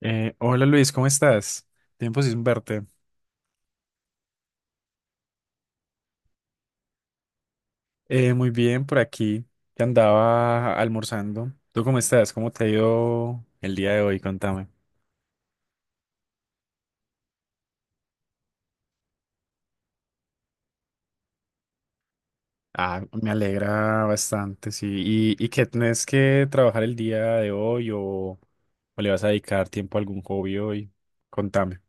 Hola Luis, ¿cómo estás? Tiempo sin verte. Muy bien, por aquí, que andaba almorzando. ¿Tú cómo estás? ¿Cómo te ha ido el día de hoy? Contame. Ah, me alegra bastante, sí. ¿Y qué tenés que trabajar el día de hoy o le vas a dedicar tiempo a algún hobby hoy? Contame.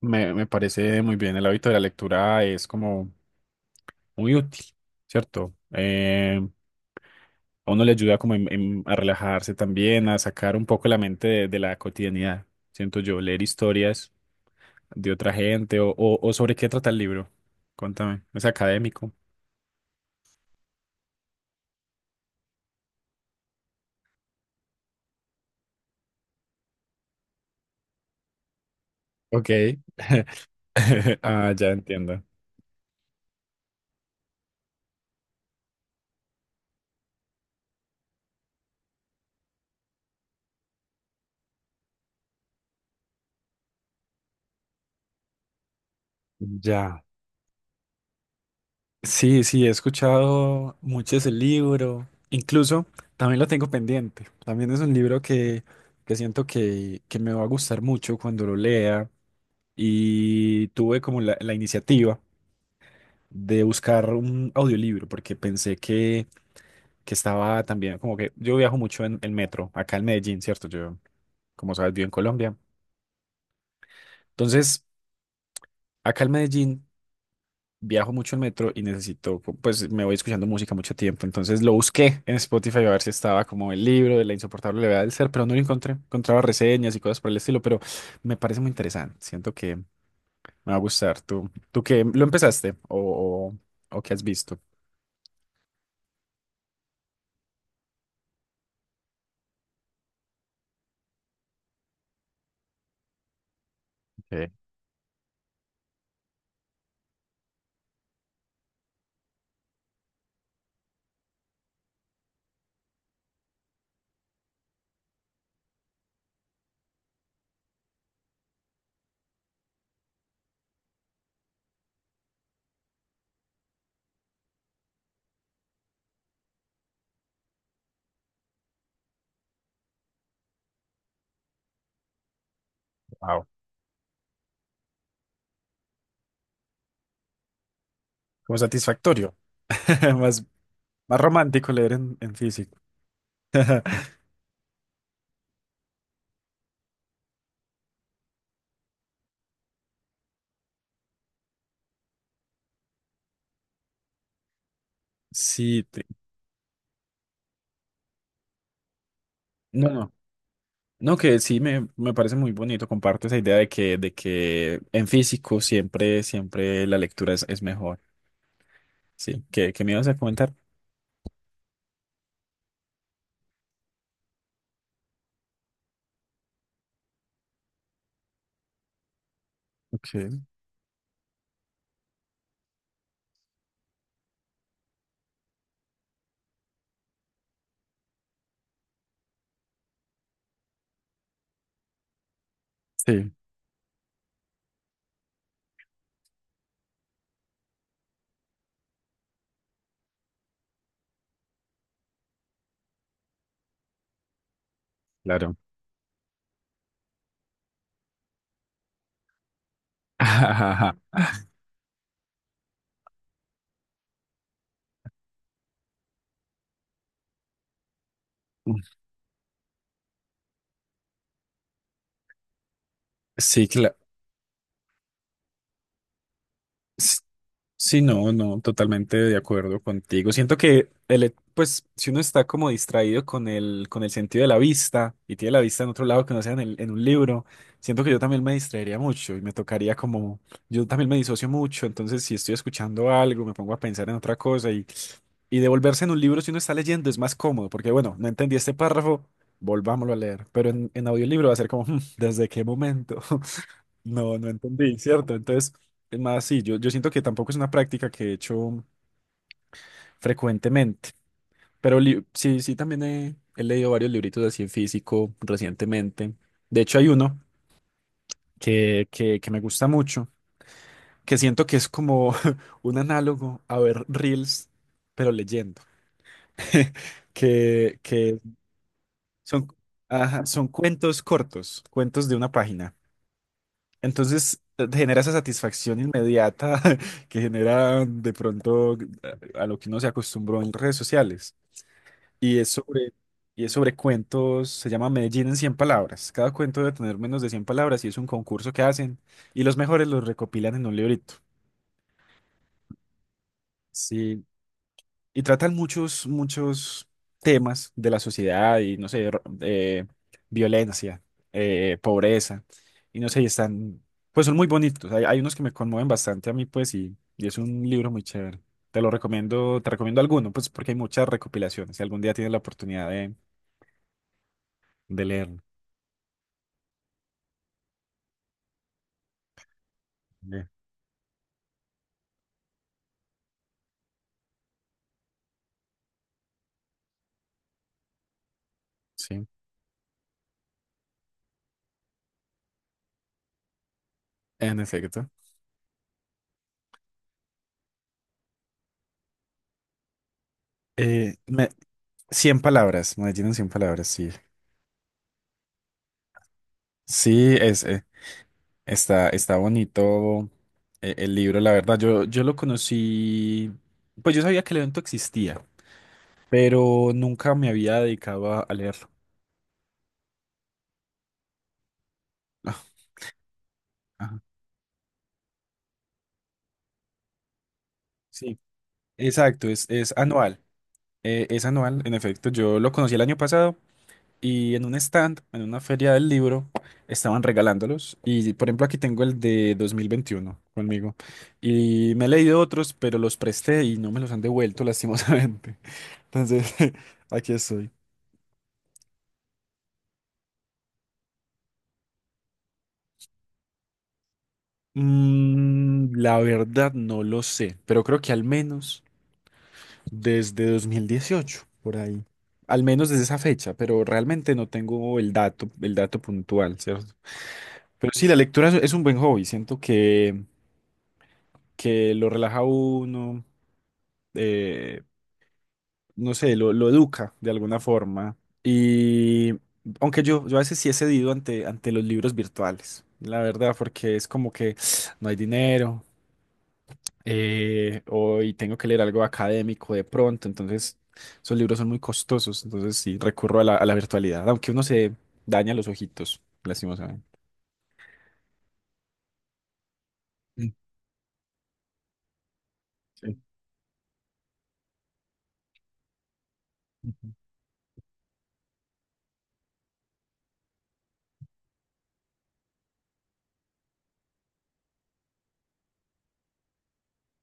Me parece muy bien, el hábito de la lectura es como muy útil, ¿cierto? A uno le ayuda como a relajarse también, a sacar un poco la mente de la cotidianidad. Siento yo, leer historias de otra gente o sobre qué trata el libro. Cuéntame, ¿es académico? Ok. Ah, ya entiendo. Ya. Sí, sí, he escuchado mucho ese libro. Incluso también lo tengo pendiente. También es un libro que siento que me va a gustar mucho cuando lo lea. Y tuve como la iniciativa de buscar un audiolibro, porque pensé que estaba también, como que yo viajo mucho en el metro, acá en Medellín, ¿cierto? Yo, como sabes, vivo en Colombia. Entonces, acá en Medellín viajo mucho en metro y necesito, pues me voy escuchando música mucho tiempo. Entonces lo busqué en Spotify a ver si estaba como el libro de La insoportable levedad del ser, pero no lo encontré. Encontraba reseñas y cosas por el estilo, pero me parece muy interesante. Siento que me va a gustar. ¿Tú qué, lo empezaste o qué has visto? Ok. Wow. Como satisfactorio. Más, más romántico leer en físico. Sí, te- no, no. No, que sí me parece muy bonito. Comparto esa idea de que en físico siempre, siempre la lectura es mejor. Sí, ¿qué, qué me ibas a comentar? Okay. Sí, claro. Sí, claro. Sí, no, no, totalmente de acuerdo contigo. Siento que pues, si uno está como distraído con con el sentido de la vista y tiene la vista en otro lado que no sea en, en un libro, siento que yo también me distraería mucho y me tocaría como, yo también me disocio mucho, entonces si estoy escuchando algo, me pongo a pensar en otra cosa y devolverse en un libro si uno está leyendo es más cómodo, porque bueno, no entendí este párrafo, volvámoslo a leer, pero en audiolibro va a ser como, "Hmm, ¿desde qué momento? No, no entendí, ¿cierto?". Entonces, es más, sí, yo siento que tampoco es una práctica que he hecho frecuentemente, pero sí, sí, también he, he leído varios libritos así en físico recientemente. De hecho, hay uno que me gusta mucho, que siento que es como un análogo a ver reels, pero leyendo, que son, ajá, son cuentos cortos, cuentos de una página. Entonces genera esa satisfacción inmediata que genera de pronto a lo que uno se acostumbró en redes sociales. Y es sobre, y es sobre cuentos, se llama Medellín en cien palabras. Cada cuento debe tener menos de 100 palabras y es un concurso que hacen y los mejores los recopilan en un librito. Sí, y tratan muchos, muchos temas de la sociedad y, no sé, violencia, pobreza, y no sé, y están, pues son muy bonitos. Hay unos que me conmueven bastante a mí, pues, y es un libro muy chévere. Te lo recomiendo, te recomiendo alguno, pues, porque hay muchas recopilaciones. Si algún día tienes la oportunidad de leerlo. Eh, Sí, en efecto. Eh, me, 100 palabras, Medellín en cien palabras, sí. Sí, es. Está, está bonito el libro, la verdad. Yo lo conocí, pues yo sabía que el evento existía, pero nunca me había dedicado a leerlo. Ah, ajá, sí, exacto, es anual. Es anual, en efecto. Yo lo conocí el año pasado y en un stand, en una feria del libro, estaban regalándolos. Y por ejemplo, aquí tengo el de 2021 conmigo. Y me he leído otros, pero los presté y no me los han devuelto, lastimosamente. Entonces, aquí estoy. Mm, la verdad no lo sé, pero creo que al menos desde 2018 por ahí. Al menos desde esa fecha, pero realmente no tengo el dato puntual, ¿cierto? Pero sí, la lectura es un buen hobby, siento que lo relaja a uno, eh, no sé, lo educa de alguna forma. Y aunque yo a veces sí he cedido ante, ante los libros virtuales, la verdad, porque es como que no hay dinero. Y tengo que leer algo académico de pronto, entonces esos libros son muy costosos, entonces sí, recurro a la virtualidad, aunque uno se daña los ojitos, lastimosamente. Mm, sí.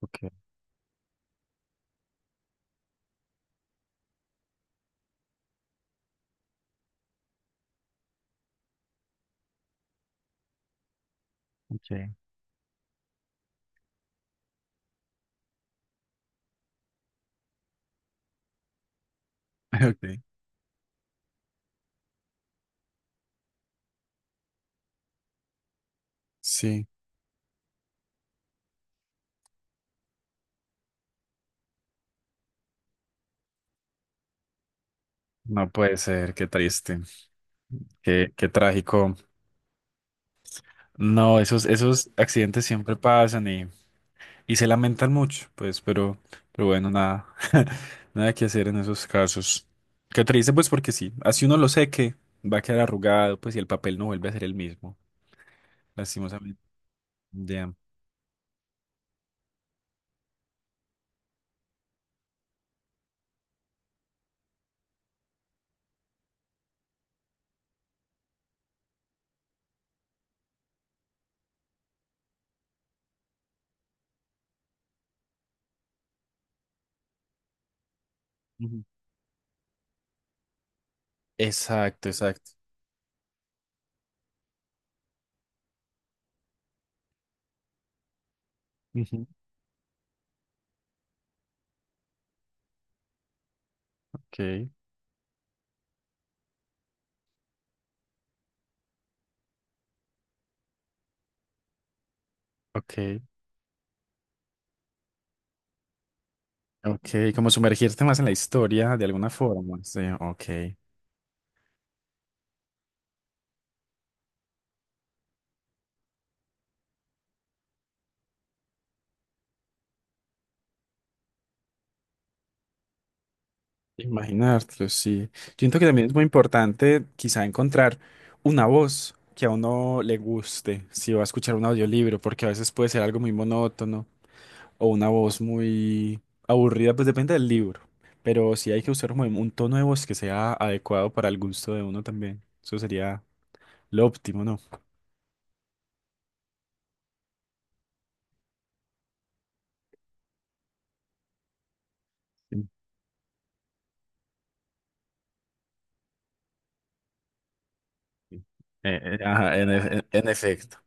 Ok, ok. Ok. Sí, no puede ser, qué triste, qué, qué trágico. No, esos, esos accidentes siempre pasan. Y se lamentan mucho, pues, pero bueno, nada, nada que hacer en esos casos. Qué triste, pues, porque sí, así uno lo sé que va a quedar arrugado, pues, y el papel no vuelve a ser el mismo, lastimosamente. Ya. Ujú. Exacto, exacto. Ujú. Ok, ok, ok, como sumergirte más en la historia de alguna forma. Sí, ok. Imaginártelo, sí. Yo siento que también es muy importante quizá encontrar una voz que a uno le guste, si va a escuchar un audiolibro, porque a veces puede ser algo muy monótono o una voz muy aburrida, pues depende del libro. Pero sí hay que usar como un tono de voz que sea adecuado para el gusto de uno también. Eso sería lo óptimo, ¿no? Sí. Ajá, en, en efecto.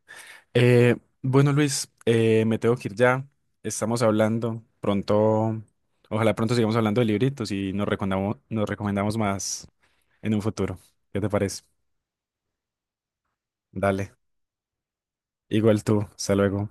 Eh, bueno, Luis, me tengo que ir ya. Estamos hablando pronto. Ojalá pronto sigamos hablando de libritos y nos recomendamos más en un futuro. ¿Qué te parece? Dale. Igual tú. Hasta luego.